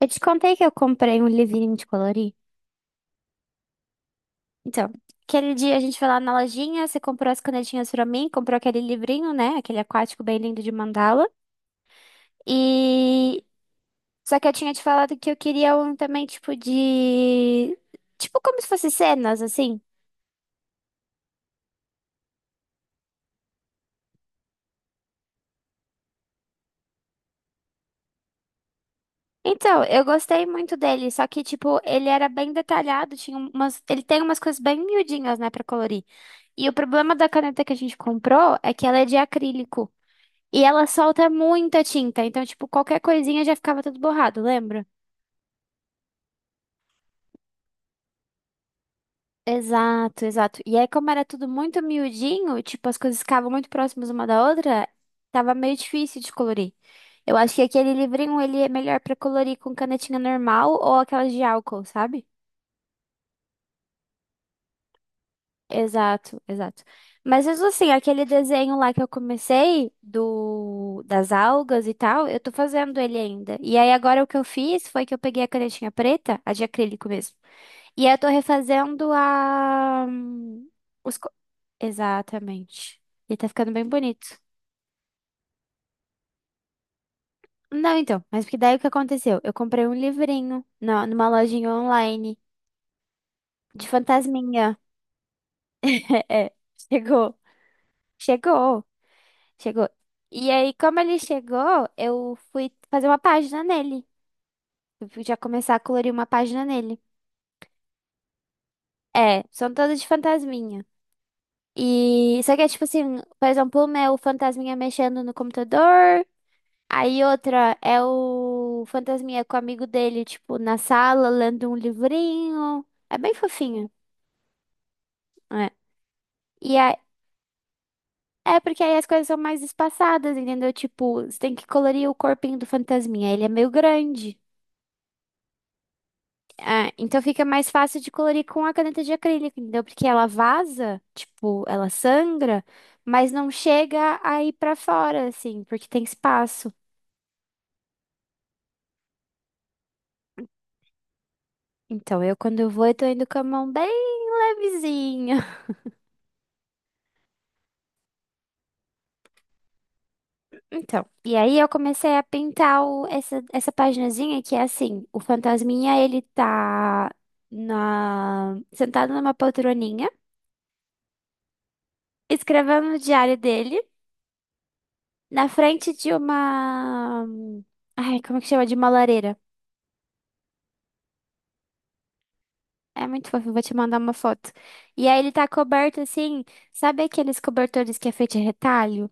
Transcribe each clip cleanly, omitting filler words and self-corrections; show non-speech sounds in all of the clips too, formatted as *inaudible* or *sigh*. Eu te contei que eu comprei um livrinho de colorir. Então, aquele dia a gente foi lá na lojinha, você comprou as canetinhas pra mim, comprou aquele livrinho, né? Aquele aquático bem lindo de mandala. E só que eu tinha te falado que eu queria um também tipo de tipo como se fosse cenas assim. Então, eu gostei muito dele, só que tipo, ele era bem detalhado, ele tem umas coisas bem miudinhas, né, pra colorir. E o problema da caneta que a gente comprou é que ela é de acrílico. E ela solta muita tinta, então, tipo, qualquer coisinha já ficava tudo borrado, lembra? Exato, exato. E aí, como era tudo muito miudinho, tipo, as coisas ficavam muito próximas uma da outra, tava meio difícil de colorir. Eu acho que aquele livrinho, ele é melhor pra colorir com canetinha normal ou aquelas de álcool, sabe? Exato, exato. Mas mesmo assim, aquele desenho lá que eu comecei do das algas e tal, eu tô fazendo ele ainda. E aí agora o que eu fiz foi que eu peguei a canetinha preta, a de acrílico mesmo. E eu tô refazendo Os... co- Exatamente. E tá ficando bem bonito. Não, então, mas porque daí o que aconteceu? Eu comprei um livrinho numa lojinha online de fantasminha. *laughs* É, chegou, chegou, chegou. E aí, como ele chegou, eu fui fazer uma página nele. Eu fui já começar a colorir uma página nele. É, são todas de fantasminha. E só que é tipo assim, por exemplo, o meu fantasminha mexendo no computador. Aí outra é o Fantasminha com o amigo dele, tipo, na sala, lendo um livrinho. É bem fofinho. É. E aí, é porque aí as coisas são mais espaçadas, entendeu? Tipo, você tem que colorir o corpinho do Fantasminha. Ele é meio grande. É, então fica mais fácil de colorir com a caneta de acrílico, entendeu? Porque ela vaza, tipo, ela sangra, mas não chega a ir pra fora, assim, porque tem espaço. Então eu, quando eu vou, eu tô indo com a mão bem levezinha. Então, e aí eu comecei a pintar essa paginazinha que é assim, o fantasminha ele tá sentado numa poltroninha, escrevendo no diário dele, na frente de uma, ai, como é que chama? De uma lareira. É muito fofo, eu vou te mandar uma foto. E aí ele tá coberto assim, sabe aqueles cobertores que é feito de retalho?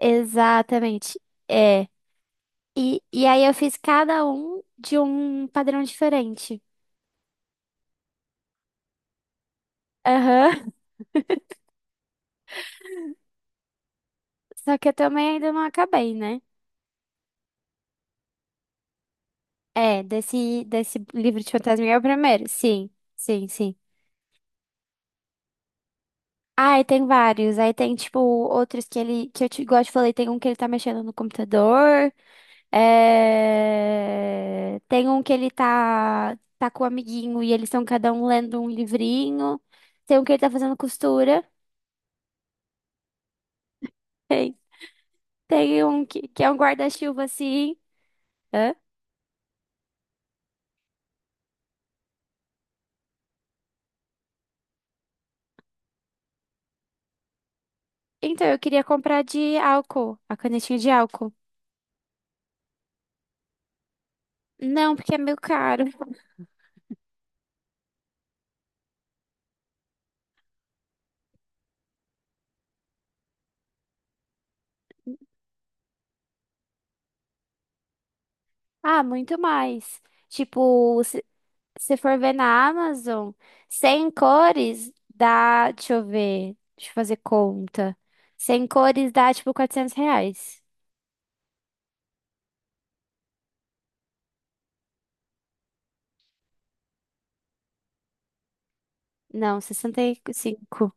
Exatamente, é. E aí eu fiz cada um de um padrão diferente. Aham. Só que eu também ainda não acabei, né? É, desse livro de fantasminha é o primeiro. Sim, sim, sim. Ah, e tem vários. Aí tem, tipo, outros que ele, que eu te, igual eu te falei, tem um que ele tá mexendo no computador. Tem um que ele tá com o amiguinho e eles estão cada um lendo um livrinho. Tem um que ele tá fazendo costura. Tem, que é um guarda-chuva assim. Hã? Então, eu queria comprar de álcool, a canetinha de álcool. Não, porque é meio caro. Ah, muito mais. Tipo, se for ver na Amazon, 100 cores dá. Deixa eu ver. Deixa eu fazer conta. 100 cores dá tipo R$ 400. Não, 65.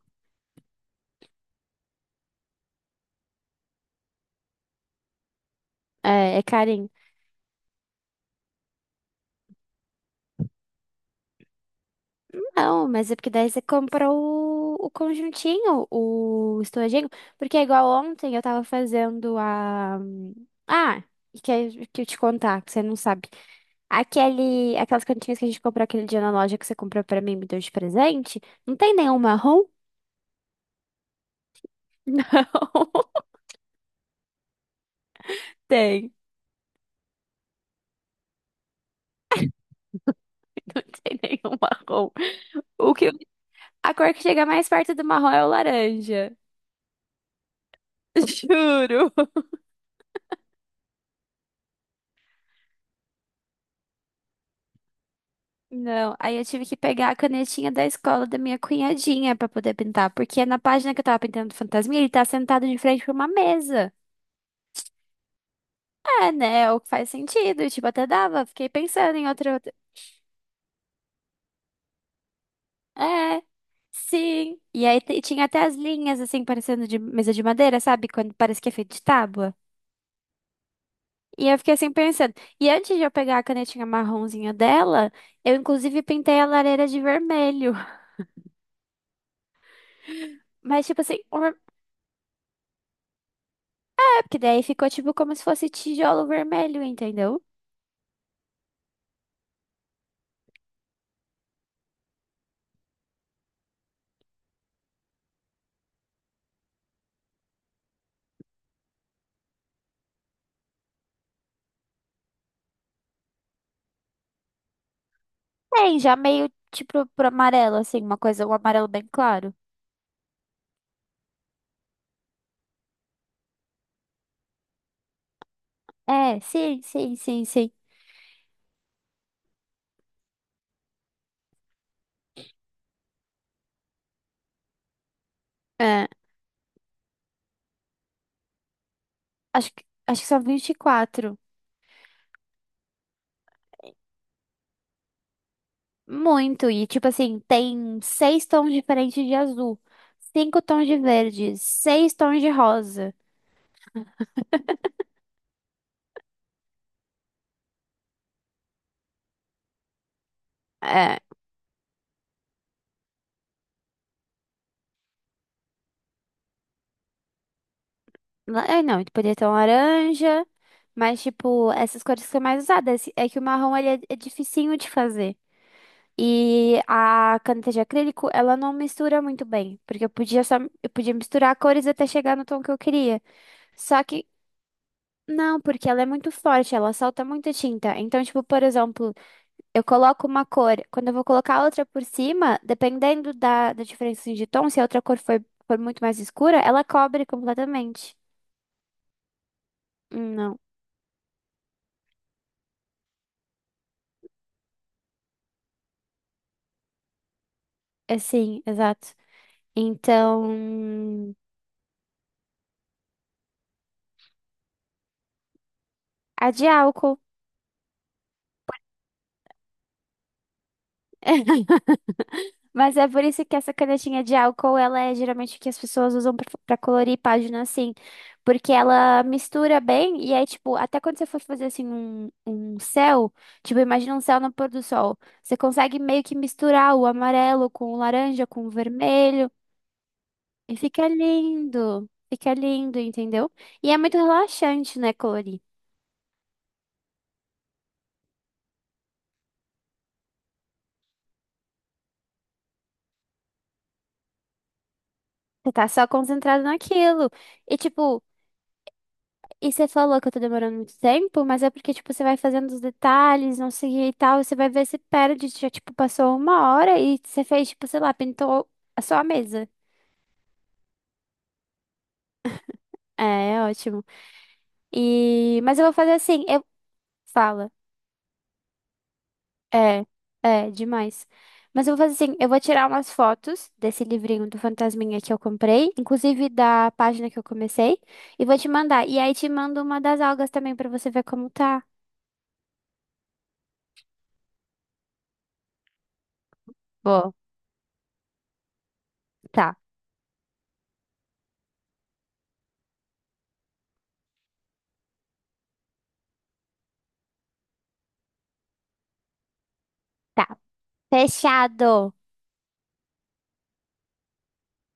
É, é carinho. Não, mas é porque daí você compra o conjuntinho, o estojinho. Porque é igual ontem eu tava fazendo a. Ah, que eu te contar, que você não sabe. Aquelas cantinhas que a gente comprou aquele dia na loja que você comprou pra mim e me deu de presente, não tem nenhum marrom? *laughs* Não tem. Não tem nenhum marrom. O que, a cor que chega mais perto do marrom é o laranja. *laughs* Juro. Não, aí eu tive que pegar a canetinha da escola da minha cunhadinha pra poder pintar, porque na página que eu tava pintando do fantasminha, ele tá sentado de frente pra uma mesa. É, né? É o que faz sentido, tipo, até dava. Fiquei pensando em outra. É, sim. E aí tinha até as linhas, assim, parecendo de mesa de madeira, sabe? Quando parece que é feito de tábua. E eu fiquei assim pensando. E antes de eu pegar a canetinha marronzinha dela, eu inclusive pintei a lareira de vermelho. *laughs* Mas, tipo assim, é porque daí ficou tipo como se fosse tijolo vermelho, entendeu? Tem, já meio tipo pro amarelo, assim, uma coisa, um amarelo bem claro. É, sim, sim, sim, sim. É, acho que são 24. Muito, e tipo assim, tem seis tons diferentes de azul, cinco tons de verde, seis tons de rosa. É, é, não, poderia ter um laranja, mas tipo, essas cores que são mais usadas. É que o marrom ele é dificinho de fazer. E a caneta de acrílico, ela não mistura muito bem, porque eu podia misturar cores até chegar no tom que eu queria. Só que não, porque ela é muito forte, ela solta muita tinta. Então, tipo, por exemplo, eu coloco uma cor, quando eu vou colocar outra por cima, dependendo da diferença assim de tom, se a outra cor for muito mais escura, ela cobre completamente. Hum. Não, é sim, exato. Então, a de álcool. *laughs* Mas é por isso que essa canetinha de álcool, ela é geralmente o que as pessoas usam pra colorir página assim, porque ela mistura bem e aí, tipo, até quando você for fazer assim um céu, tipo, imagina um céu no pôr do sol, você consegue meio que misturar o amarelo com o laranja, com o vermelho e fica lindo, entendeu? E é muito relaxante, né, colorir. Você tá só concentrado naquilo. E, tipo, você falou que eu tô demorando muito tempo, mas é porque, tipo, você vai fazendo os detalhes, não sei o que e tal, você vai ver se perde, já, tipo, passou uma hora e você fez, tipo, sei lá, pintou a sua mesa. É, é ótimo. Mas eu vou fazer assim, Fala. É, é, demais. Mas eu vou fazer assim, eu vou tirar umas fotos desse livrinho do Fantasminha que eu comprei, inclusive da página que eu comecei, e vou te mandar. E aí te mando uma das algas também pra você ver como tá. Boa. Tá, tá. Fechado.